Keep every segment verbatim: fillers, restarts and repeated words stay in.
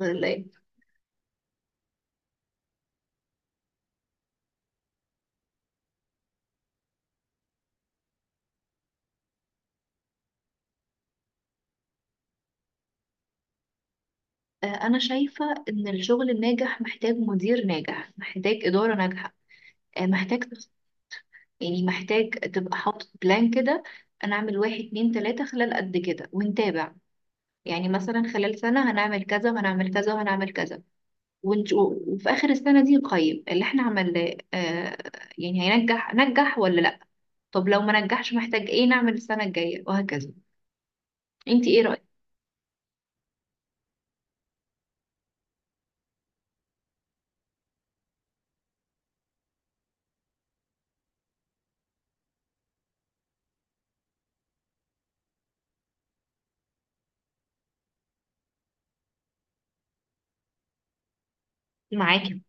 ولا ايه. آه، انا شايفة ان الشغل الناجح محتاج مدير ناجح، محتاج إدارة ناجحة. آه، محتاج تخ- يعني محتاج تبقى حاطط بلان كده. انا اعمل واحد اتنين تلاتة خلال قد كده ونتابع. يعني مثلا خلال سنة هنعمل كذا وهنعمل كذا وهنعمل كذا ونشوف، وفي آخر السنة دي نقيم اللي احنا عملناه. آه، يعني هينجح نجح ولا لا. طب لو ما نجحش محتاج ايه نعمل السنة الجاية، وهكذا. انتي ايه رأيك؟ معاكي.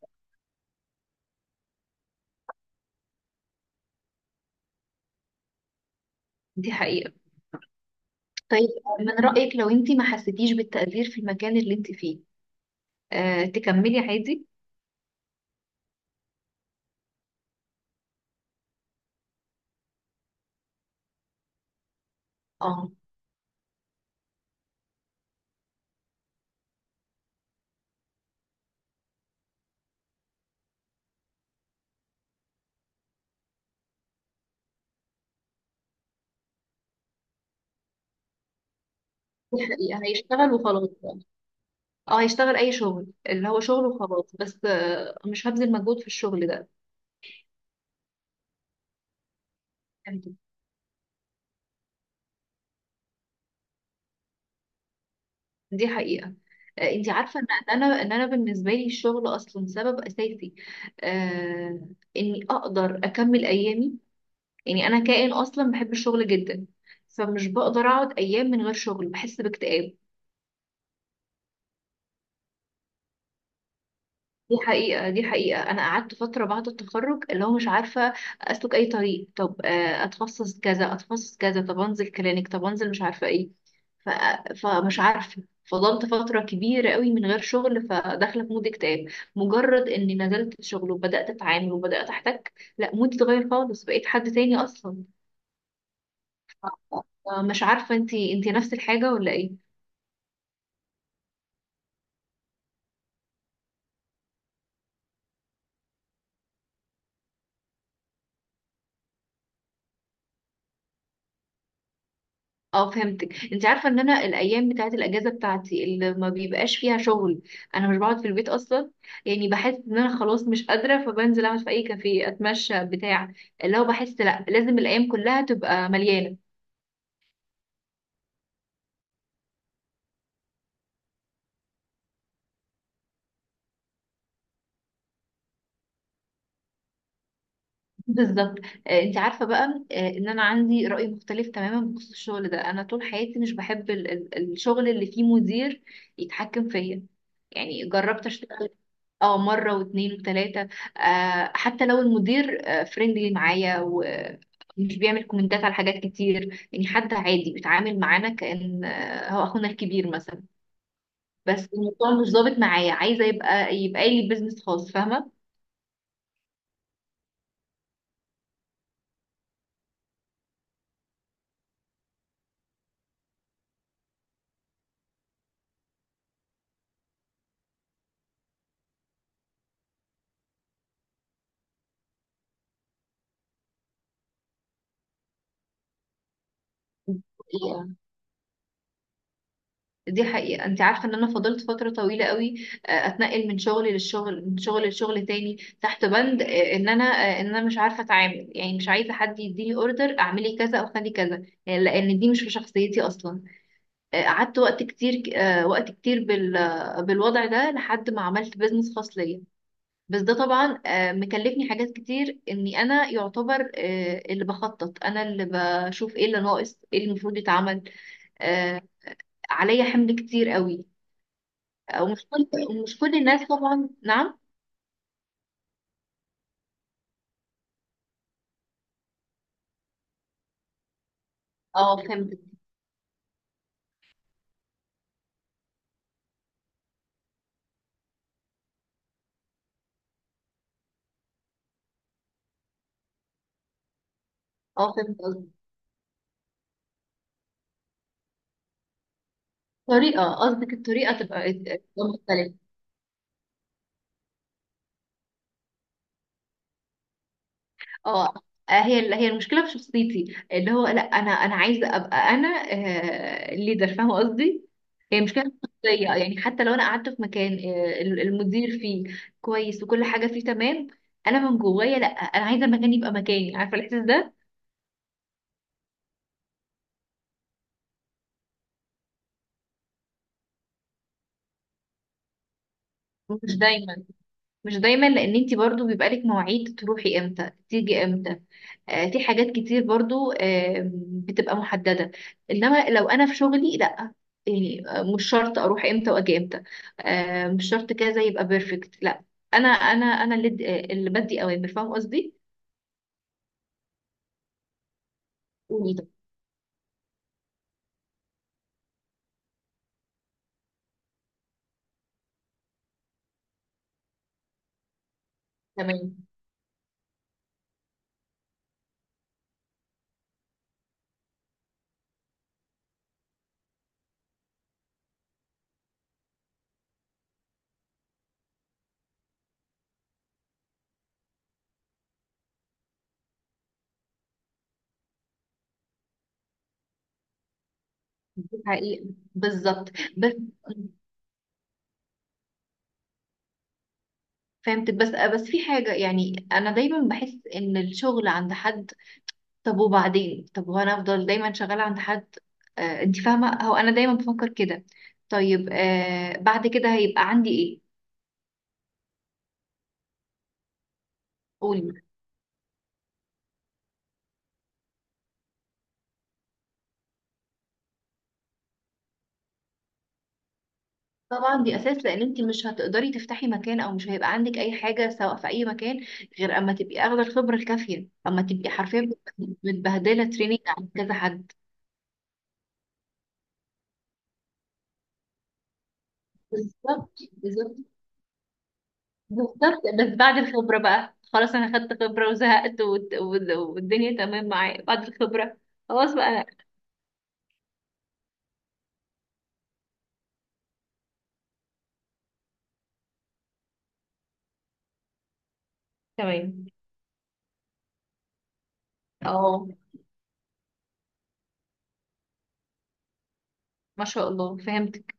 دي حقيقة. طيب، من رأيك لو انت ما حسيتيش بالتقدير في المكان اللي انت فيه آه، تكملي عادي؟ اه. دي حقيقة، هيشتغل وخلاص. اه، هيشتغل اي شغل، اللي هو شغل وخلاص، بس آه، مش هبذل مجهود في الشغل ده. فهمتك. دي حقيقة. آه، انت عارفة ان إن انا ان انا بالنسبة لي الشغل اصلا سبب اساسي، آه، اني اقدر اكمل ايامي. يعني انا كائن اصلا بحب الشغل جدا، فمش بقدر اقعد ايام من غير شغل، بحس باكتئاب. دي حقيقة. دي حقيقة. أنا قعدت فترة بعد التخرج اللي هو مش عارفة أسلك أي طريق. طب آه، أتخصص كذا، أتخصص كذا، طب أنزل كلينيك، طب أنزل مش عارفة إيه. ف... فمش عارفة، فضلت فترة كبيرة قوي من غير شغل، فداخلة في مود اكتئاب. مجرد إني نزلت الشغل وبدأت أتعامل وبدأت أحتك، لا، مودي اتغير خالص، بقيت حد تاني أصلا. آه، مش عارفة، أنتي أنتي نفس الحاجة ولا إيه؟ اه، فهمتك. انت عارفه ان انا الايام بتاعه الاجازه بتاعتي اللي ما بيبقاش فيها شغل، انا مش بقعد في البيت اصلا. يعني بحس ان انا خلاص مش قادره، فبنزل اقعد في اي كافيه، اتمشى، بتاع، اللي هو بحس لا لازم الايام كلها تبقى مليانه. بالظبط. آه، انت عارفه بقى آه، ان انا عندي راي مختلف تماما بخصوص الشغل ده. انا طول حياتي مش بحب ال- ال- الشغل اللي فيه مدير يتحكم فيا. يعني جربت اشتغل اه، مرة واتنين وتلاتة. آه حتى لو المدير آه فريندلي معايا ومش بيعمل كومنتات على حاجات كتير، يعني حد عادي بيتعامل معانا كأن آه هو أخونا الكبير مثلا، بس الموضوع مش ظابط معايا. عايزة يبقى يبقى لي بيزنس خاص، فاهمة. حقيقة. دي حقيقة، انت عارفة ان انا فضلت فترة طويلة قوي آه، اتنقل من شغل للشغل، من شغل لشغل تاني، تحت بند آه، ان انا آه، ان انا مش عارفة اتعامل. يعني مش عايزة حد يديني اوردر اعملي كذا او خلي كذا، يعني لان دي مش في شخصيتي اصلا. آه، قعدت وقت كتير، آه، وقت كتير بال آه، بالوضع ده، لحد ما عملت بيزنس خاص ليا. بس ده طبعا آه، مكلفني حاجات كتير، اني انا يعتبر آه، اللي بخطط انا اللي بشوف ايه اللي ناقص، ايه اللي المفروض يتعمل. آه، عليا حمل كتير قوي. آه، ومش كل ومش كل الناس طبعا. نعم. اه، فهمت. اه، فهمت قصدك. الطريقة قصدك، الطريقة تبقى آه، تبقى مختلفة. اه. آه، هي هي المشكله في شخصيتي، اللي هو لا، انا انا عايزه ابقى انا آه، الليدر، فاهمه قصدي. هي مشكله في الشخصيه، يعني حتى لو انا قعدت في مكان آه، ال- المدير فيه كويس وكل حاجه فيه تمام، انا من جوايا لا، انا عايزه المكان يبقى مكاني، عارفه الاحساس ده. مش دايما. مش دايما، لان انت برضو بيبقى لك مواعيد تروحي امتى، تيجي امتى. آه، في حاجات كتير برضو آه، بتبقى محددة. انما لو انا في شغلي لا، يعني آه، مش شرط اروح امتى واجي امتى، آه، مش شرط كذا يبقى بيرفكت. لا، انا انا انا اللي آه، اللي بدي اوامر، فاهم قصدي. قولي ده. تمام. دي حقيقة. بالظبط. بس فهمت. بس آه، بس في حاجة، يعني انا دايما بحس ان الشغل عند حد. طب وبعدين، طب وانا افضل دايما شغاله عند حد؟ آه انت فاهمه، هو انا دايما بفكر كده. طيب آه بعد كده هيبقى عندي ايه. قولي. طبعا دي اساس، لان انت مش هتقدري تفتحي مكان، او مش هيبقى عندك اي حاجه سواء في اي مكان، غير اما تبقي اخده الخبره الكافيه، اما تبقي حرفيا متبهدله، تريننج عند كذا حد. بالظبط. بالظبط. بالظبط. بس بعد الخبره بقى خلاص، انا خدت خبره وزهقت، والد- والد- والدنيا تمام معايا بعد الخبره. خلاص بقى. تمام. اه. ما شاء الله، فهمتك.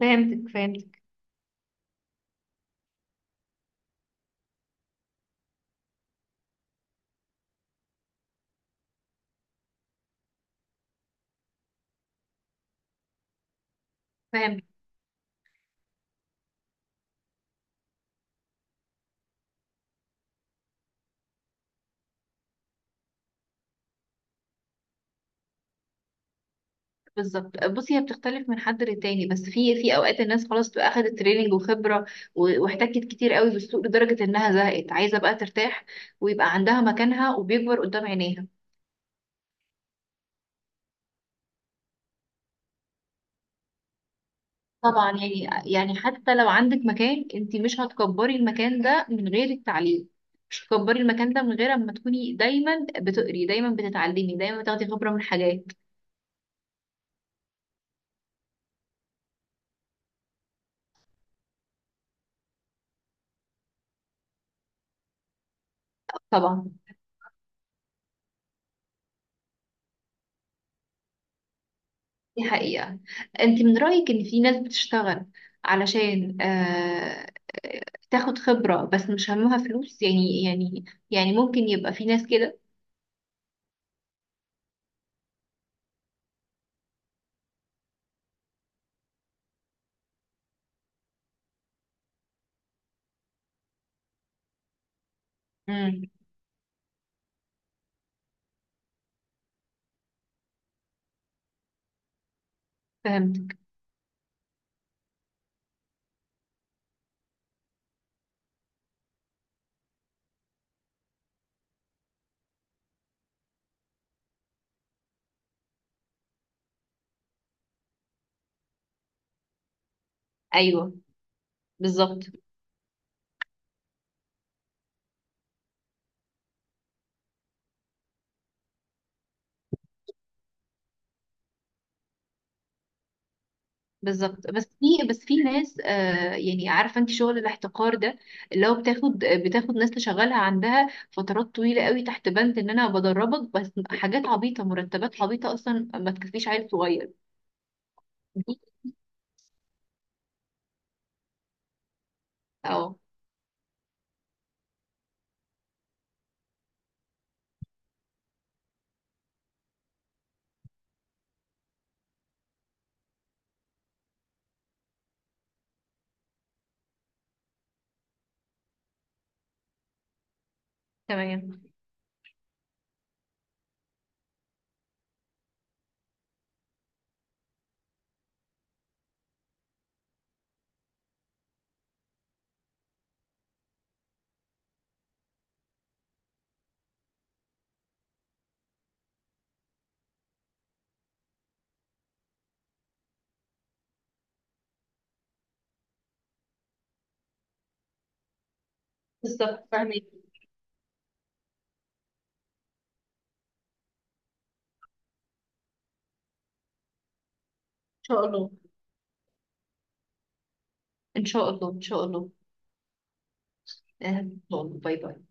فهمتك. فهمتك. فهمتك. بالظبط. بصي، هي بتختلف من حد للتاني، بس في في اوقات الناس خلاص بتبقى اخدت تريننج وخبره و- واحتكت كتير قوي بالسوق لدرجه انها زهقت، عايزه بقى ترتاح، ويبقى عندها مكانها وبيكبر قدام عينيها. طبعا. يعني يعني حتى لو عندك مكان، انت مش هتكبري المكان ده من غير التعليم. مش هتكبري المكان ده من غير اما تكوني دايما بتقري، دايما بتتعلمي، دايما بتاخدي خبره من حاجات. طبعا. دي حقيقة. انت من رأيك ان في ناس بتشتغل علشان آه تاخد خبرة بس مش همها فلوس، يعني يعني يعني ممكن يبقى في ناس كده. امم. فهمتك. ايوه. بالظبط. بالظبط. بس في بس في ناس آه يعني عارفة، انت شغل الاحتقار ده اللي هو بتاخد، بتاخد ناس تشغلها عندها فترات طويلة قوي تحت بند ان انا بدربك، بس حاجات عبيطة، مرتبات عبيطة اصلا ما تكفيش عيل صغير. دي. اه. تمام. بالظبط، فاهمك. ان شاء الله. ان شاء الله. ان شاء الله. آه، ان شاء الله. باي باي.